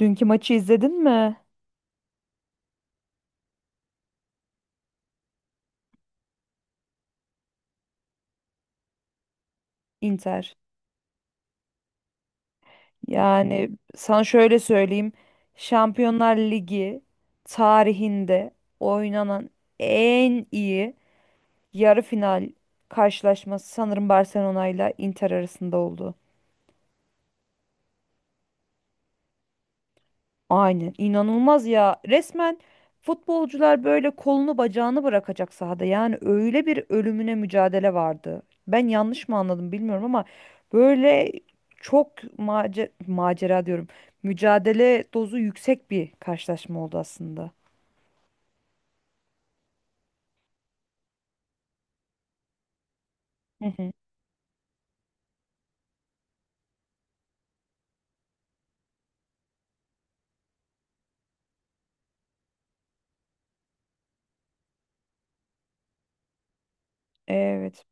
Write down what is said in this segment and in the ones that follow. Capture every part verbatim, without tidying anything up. Dünkü maçı izledin mi? Inter. Yani sana şöyle söyleyeyim. Şampiyonlar Ligi tarihinde oynanan en iyi yarı final karşılaşması sanırım Barcelona ile Inter arasında oldu. Aynen inanılmaz ya. Resmen futbolcular böyle kolunu bacağını bırakacak sahada. Yani öyle bir ölümüne mücadele vardı. Ben yanlış mı anladım bilmiyorum ama böyle çok mace macera diyorum. Mücadele dozu yüksek bir karşılaşma oldu aslında. Hı hı. Evet.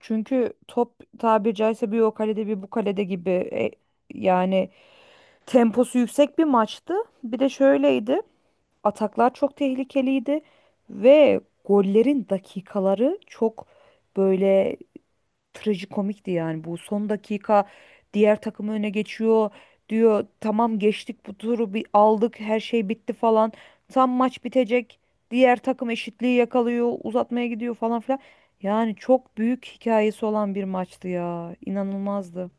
Çünkü top tabiri caizse bir o kalede bir bu kalede gibi e, yani temposu yüksek bir maçtı. Bir de şöyleydi. Ataklar çok tehlikeliydi ve gollerin dakikaları çok böyle trajikomikti yani. Bu son dakika diğer takım öne geçiyor diyor tamam geçtik bu turu bir aldık her şey bitti falan. Tam maç bitecek diğer takım eşitliği yakalıyor uzatmaya gidiyor falan filan. Yani çok büyük hikayesi olan bir maçtı ya inanılmazdı.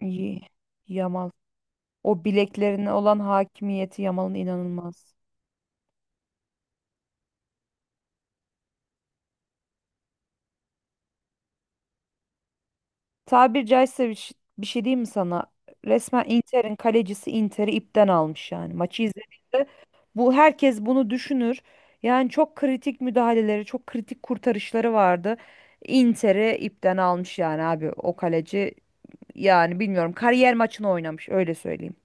İyi. Yamal o bileklerine olan hakimiyeti Yamal'ın inanılmaz. Tabir caizse bir, ş- bir şey diyeyim mi sana? Resmen Inter'in kalecisi Inter'i ipten almış yani. Maçı izlediğinde bu herkes bunu düşünür. Yani çok kritik müdahaleleri, çok kritik kurtarışları vardı. Inter'i ipten almış yani abi o kaleci. Yani bilmiyorum kariyer maçını oynamış öyle söyleyeyim.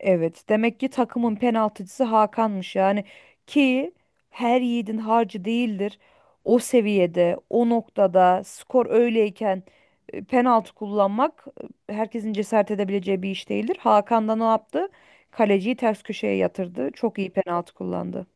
Evet, demek ki takımın penaltıcısı Hakan'mış yani ki her yiğidin harcı değildir. O seviyede, o noktada skor öyleyken e, penaltı kullanmak e, herkesin cesaret edebileceği bir iş değildir. Hakan da ne yaptı? Kaleciyi ters köşeye yatırdı. Çok iyi penaltı kullandı.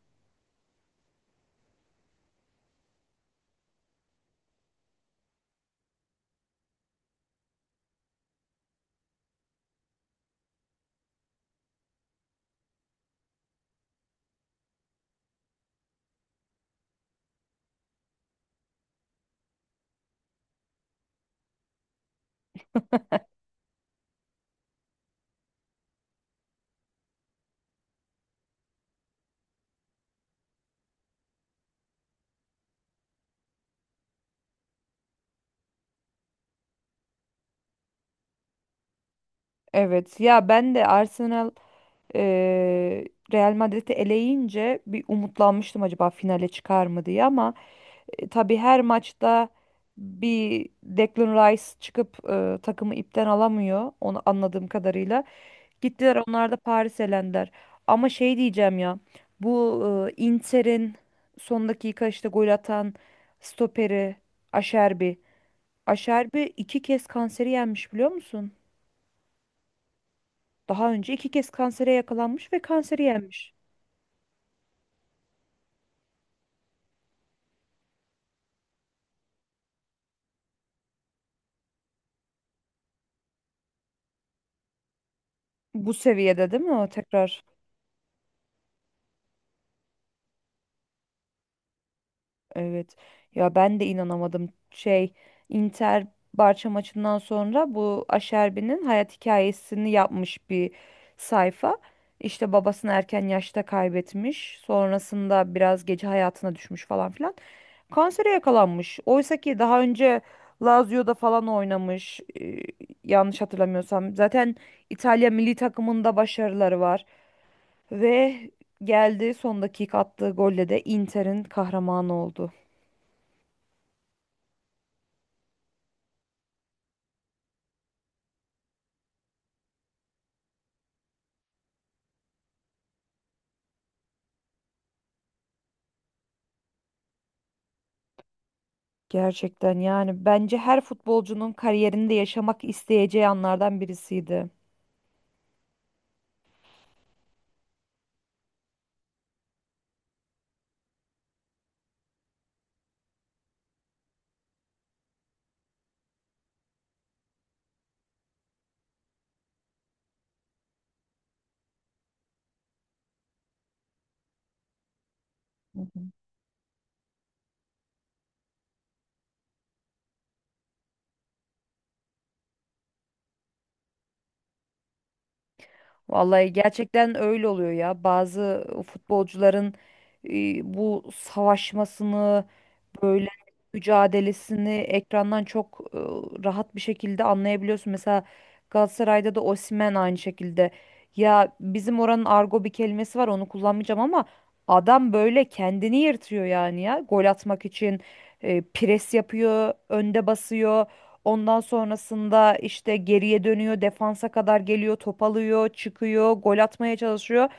Evet, ya ben de Arsenal e, Real Madrid'i eleyince bir umutlanmıştım acaba finale çıkar mı diye ama E, tabii her maçta bir Declan Rice çıkıp e, takımı ipten alamıyor. Onu anladığım kadarıyla. Gittiler onlar da Paris elendiler. Ama şey diyeceğim ya. Bu e, Inter'in son dakika işte gol atan stoperi Aşerbi. Aşerbi iki kez kanseri yenmiş biliyor musun? Daha önce iki kez kansere yakalanmış ve kanseri yenmiş. Bu seviyede değil mi o tekrar? Evet. Ya ben de inanamadım. Şey, Inter Barça maçından sonra bu Aşerbi'nin hayat hikayesini yapmış bir sayfa. İşte babasını erken yaşta kaybetmiş. Sonrasında biraz gece hayatına düşmüş falan filan. Kansere yakalanmış. Oysa ki daha önce Lazio'da falan oynamış. E, yanlış hatırlamıyorsam. Zaten İtalya milli takımında başarıları var. Ve geldi son dakika attığı golle de Inter'in kahramanı oldu. Gerçekten yani bence her futbolcunun kariyerinde yaşamak isteyeceği anlardan birisiydi. Vallahi gerçekten öyle oluyor ya. Bazı futbolcuların e, bu savaşmasını, böyle mücadelesini ekrandan çok e, rahat bir şekilde anlayabiliyorsun. Mesela Galatasaray'da da Osimhen aynı şekilde. Ya bizim oranın argo bir kelimesi var, onu kullanmayacağım ama adam böyle kendini yırtıyor yani ya. Gol atmak için e, pres yapıyor, önde basıyor. Ondan sonrasında işte geriye dönüyor, defansa kadar geliyor, top alıyor, çıkıyor, gol atmaya çalışıyor.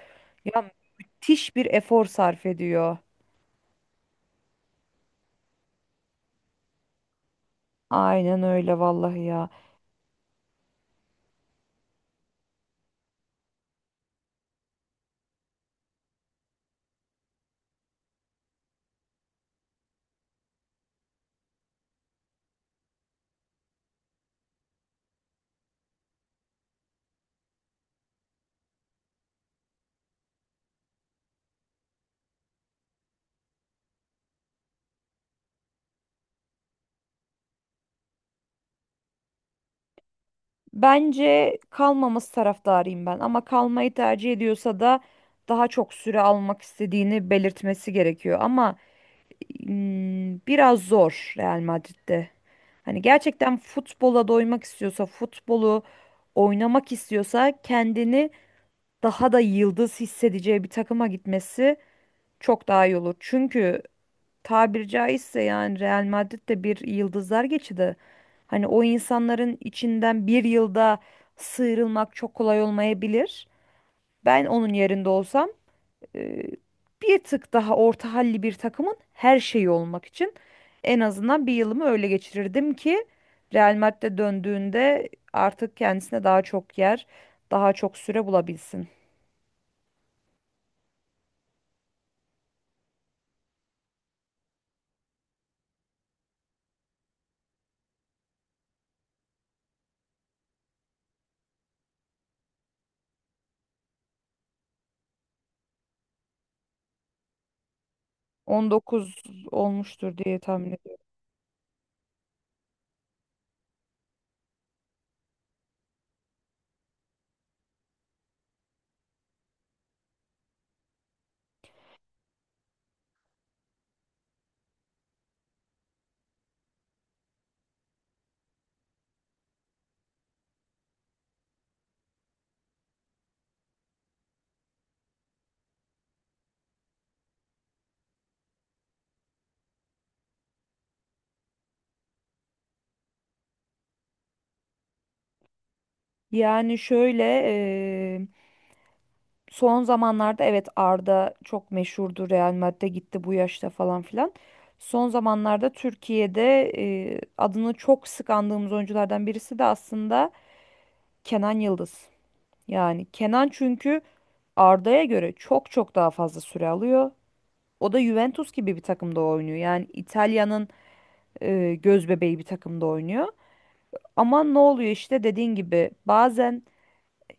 Ya müthiş bir efor sarf ediyor. Aynen öyle vallahi ya. Bence kalmaması taraftarıyım ben ama kalmayı tercih ediyorsa da daha çok süre almak istediğini belirtmesi gerekiyor ama mm, biraz zor Real Madrid'de. Hani gerçekten futbola doymak istiyorsa, futbolu oynamak istiyorsa kendini daha da yıldız hissedeceği bir takıma gitmesi çok daha iyi olur. Çünkü tabiri caizse yani Real Madrid de bir yıldızlar geçidi. Hani o insanların içinden bir yılda sıyrılmak çok kolay olmayabilir. Ben onun yerinde olsam e, bir tık daha orta halli bir takımın her şeyi olmak için en azından bir yılımı öyle geçirirdim ki Real Madrid'e döndüğünde artık kendisine daha çok yer, daha çok süre bulabilsin. On dokuz olmuştur diye tahmin ediyorum. Yani şöyle eee, son zamanlarda evet Arda çok meşhurdu Real Madrid'e gitti bu yaşta falan filan. Son zamanlarda Türkiye'de eee, adını çok sık andığımız oyunculardan birisi de aslında Kenan Yıldız. Yani Kenan çünkü Arda'ya göre çok çok daha fazla süre alıyor. O da Juventus gibi bir takımda oynuyor. Yani İtalya'nın eee göz bebeği bir takımda oynuyor. Ama ne oluyor işte dediğin gibi bazen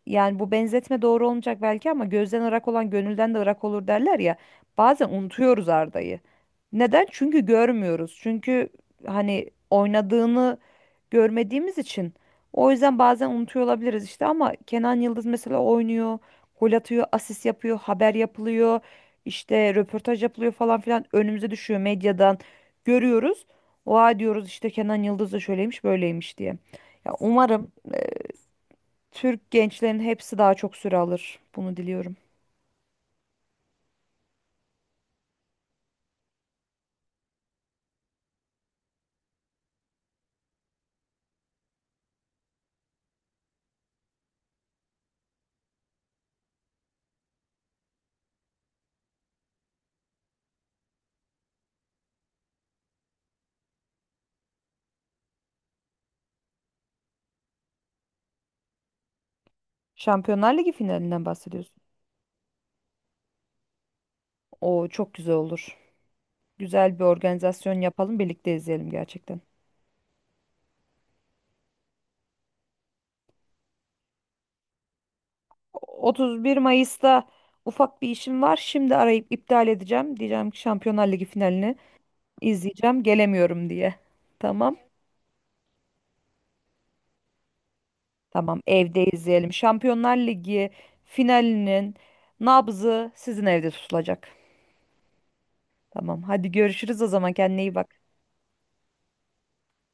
yani bu benzetme doğru olmayacak belki ama gözden ırak olan gönülden de ırak olur derler ya. Bazen unutuyoruz Arda'yı. Neden? Çünkü görmüyoruz. Çünkü hani oynadığını görmediğimiz için. O yüzden bazen unutuyor olabiliriz işte ama Kenan Yıldız mesela oynuyor, gol atıyor, asist yapıyor, haber yapılıyor, işte röportaj yapılıyor falan filan önümüze düşüyor medyadan görüyoruz. Oha diyoruz işte Kenan Yıldız da şöyleymiş böyleymiş diye. Ya umarım Türk gençlerin hepsi daha çok süre alır. Bunu diliyorum. Şampiyonlar Ligi finalinden bahsediyorsun. O çok güzel olur. Güzel bir organizasyon yapalım, birlikte izleyelim gerçekten. otuz bir Mayıs'ta ufak bir işim var. Şimdi arayıp iptal edeceğim. Diyeceğim ki Şampiyonlar Ligi finalini izleyeceğim, gelemiyorum diye. Tamam. Tamam, evde izleyelim. Şampiyonlar Ligi finalinin nabzı sizin evde tutulacak. Tamam, hadi görüşürüz o zaman. Kendine iyi bak.